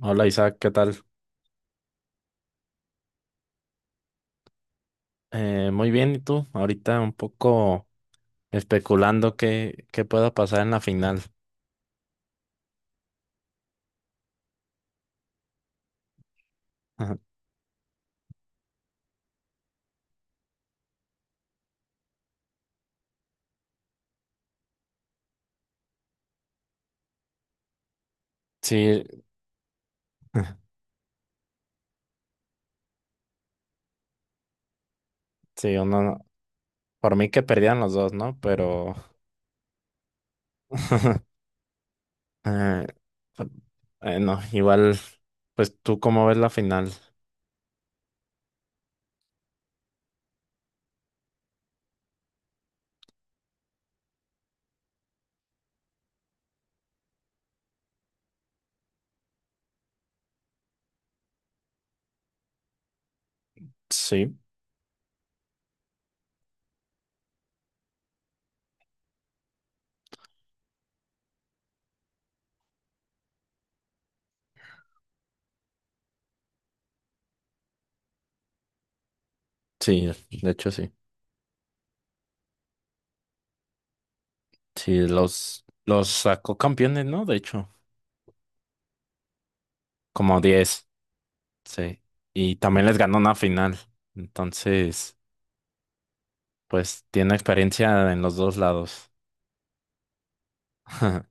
Hola Isaac, ¿qué tal? Muy bien, ¿y tú? Ahorita un poco especulando qué pueda pasar en la final. Ajá. Sí, sí, uno, por mí que perdían los dos, ¿no? Pero, eh, no, igual, pues tú cómo ves la final. Sí, sí, de hecho sí. Sí, los sacó campeones, ¿no? De hecho, como 10, sí. Y también les ganó una final. Entonces... Pues tiene experiencia en los dos lados.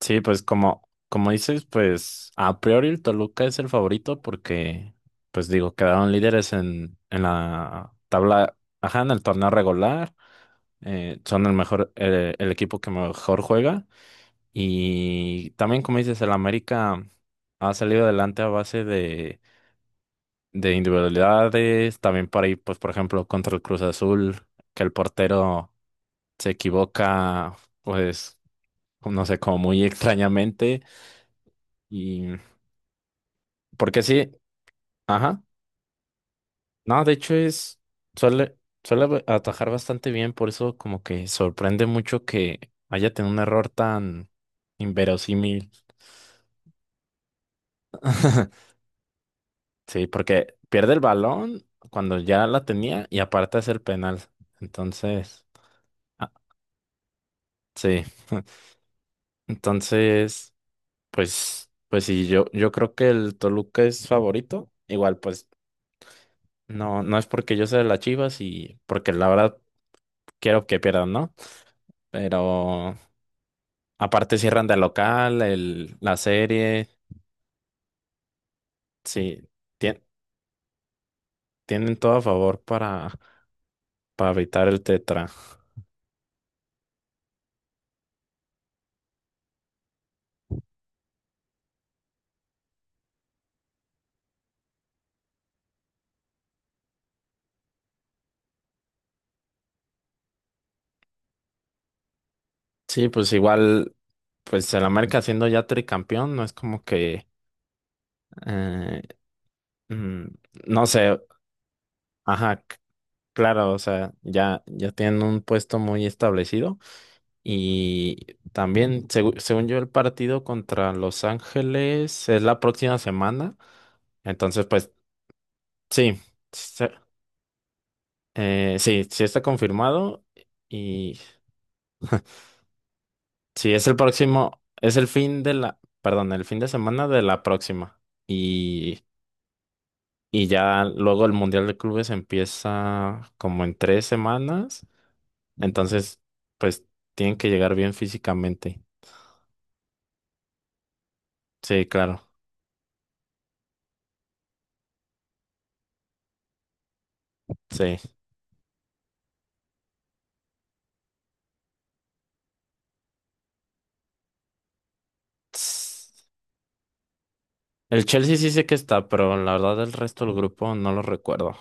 Sí, pues como dices, pues a priori el Toluca es el favorito porque, pues digo, quedaron líderes en, la tabla, ajá, en el torneo regular, son el mejor, el equipo que mejor juega y también como dices, el América ha salido adelante a base de individualidades, también por ahí, pues por ejemplo, contra el Cruz Azul, que el portero se equivoca, pues no sé, como muy extrañamente. Y porque sí, ajá. No, de hecho es, suele, suele atajar bastante bien, por eso como que sorprende mucho que haya tenido un error tan inverosímil. Sí, porque pierde el balón cuando ya la tenía y aparte es el penal. Entonces, ah, sí. Entonces, pues, sí, yo creo que el Toluca es favorito. Igual, pues no, no es porque yo sea de las Chivas y porque la verdad quiero que pierdan, ¿no? Pero aparte cierran de local, el, la serie, sí, tien- tienen todo a favor para, evitar el tetra. Sí, pues igual, pues el América siendo ya tricampeón, no es como que, eh, mm, no sé, ajá, claro, o sea, ya tienen un puesto muy establecido. Y también, según yo, el partido contra Los Ángeles es la próxima semana. Entonces, pues sí, se- sí, sí está confirmado. Y sí, es el próximo, es el fin de la, perdón, el fin de semana de la próxima. Y, y ya luego el Mundial de Clubes empieza como en 3 semanas. Entonces, pues tienen que llegar bien físicamente. Sí, claro, sí. El Chelsea sí sé que está, pero la verdad el resto del grupo no lo recuerdo.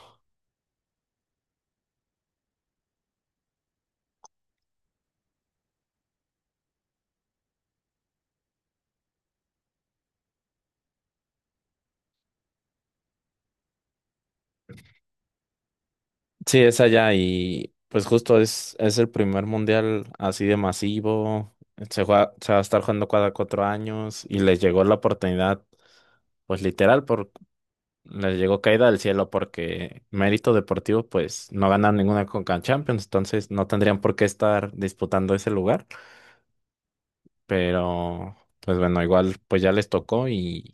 Sí, es allá y pues justo es, el primer mundial así de masivo. Se va a estar jugando cada 4 años y les llegó la oportunidad, pues literal, les llegó caída del cielo porque mérito deportivo, pues no ganan ninguna Conca Champions, entonces no tendrían por qué estar disputando ese lugar. Pero pues bueno, igual pues ya les tocó y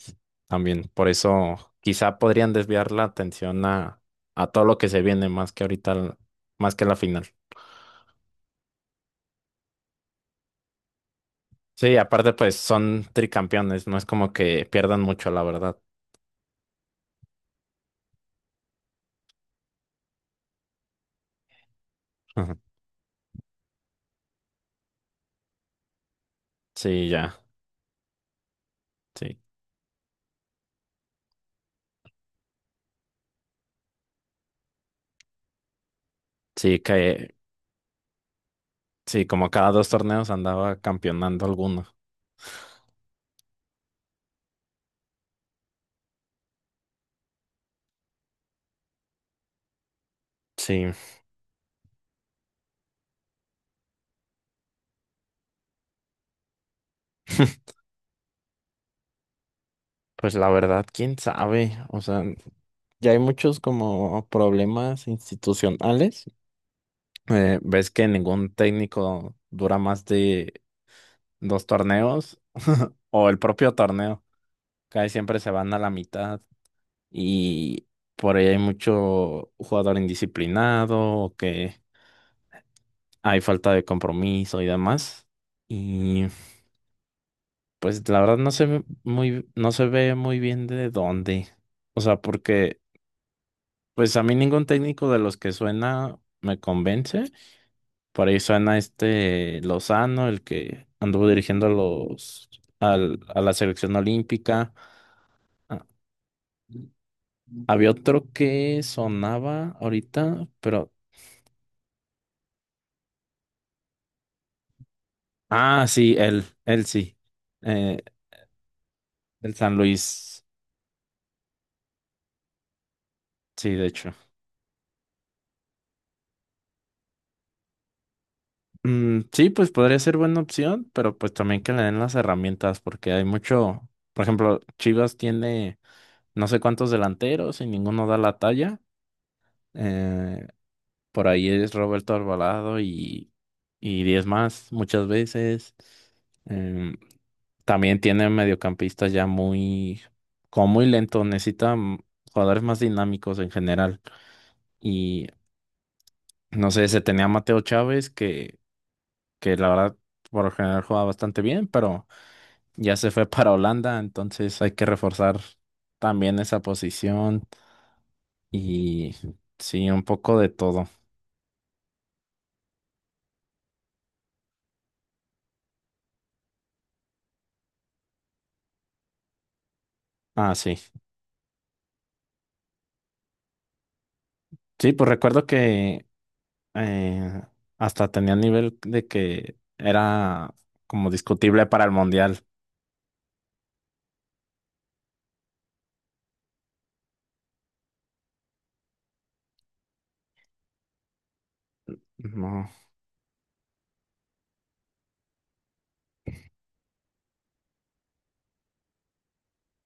también por eso quizá podrían desviar la atención a todo lo que se viene más que ahorita, más que la final. Sí, aparte pues son tricampeones, no es como que pierdan mucho, la verdad. Ujú. Sí, ya, sí. Sí, que sí, como cada dos torneos andaba campeonando alguno. Sí, pues la verdad, quién sabe, o sea, ya hay muchos como problemas institucionales. ¿Ves que ningún técnico dura más de dos torneos? O el propio torneo. Casi siempre se van a la mitad y por ahí hay mucho jugador indisciplinado o que hay falta de compromiso y demás. Y pues la verdad no se ve muy bien de dónde. O sea, porque pues a mí ningún técnico de los que suena me convence. Por ahí suena este Lozano, el que anduvo dirigiendo a la selección olímpica. Ah, había otro que sonaba ahorita, pero sí, él sí. Eh, el San Luis, sí, de hecho. Mm, sí, pues podría ser buena opción, pero pues también que le den las herramientas, porque hay mucho, por ejemplo, Chivas tiene no sé cuántos delanteros y ninguno da la talla. eh, Por ahí es Roberto Alvarado y, 10 más muchas veces. Em, También tiene mediocampistas ya muy, como muy lentos, necesita jugadores más dinámicos en general. Y no sé, se tenía a Mateo Chávez, que la verdad por lo general jugaba bastante bien, pero ya se fue para Holanda, entonces hay que reforzar también esa posición y sí, un poco de todo. Ah, sí. Sí, pues recuerdo que eh, hasta tenía nivel de que era como discutible para el mundial. No.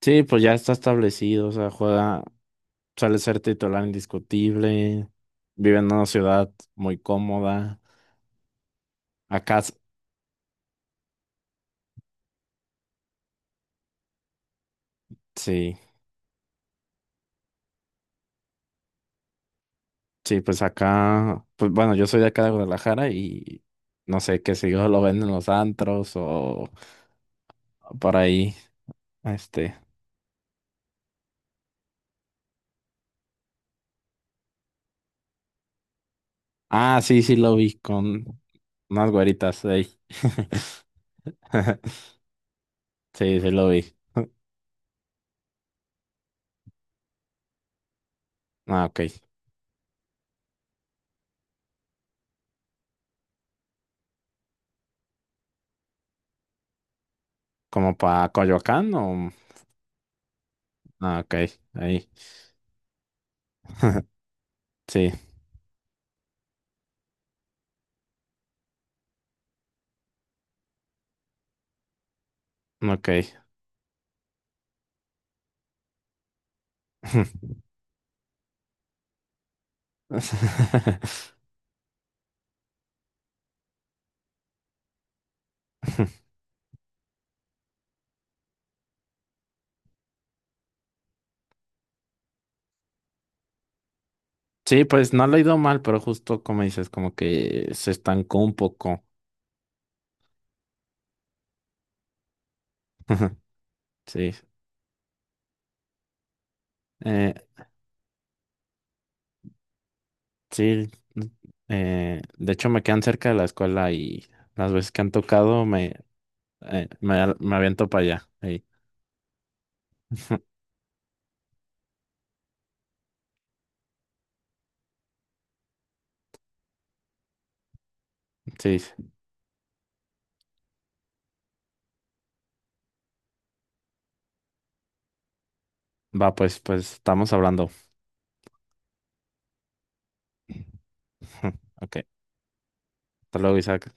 Sí, pues ya está establecido, o sea, juega, suele ser titular indiscutible, vive en una ciudad muy cómoda. Acá, sí, sí, pues acá, pues bueno, yo soy de acá de Guadalajara y no sé qué si yo lo ven en los antros o por ahí, este. Ah, sí, sí lo vi con unas güeritas ahí. Sí, sí lo vi. Ah, ok. ¿Como para Coyoacán o...? Ah, ok. Ahí. Sí, ok. Sí, pues no lo he ido mal, pero justo como dices, como que se estancó un poco. Sí. Eh, sí. De hecho, me quedan cerca de la escuela y las veces que han tocado me aviento para allá. Ahí. Sí. Va, pues, estamos hablando. Ok. Hasta luego, Isaac.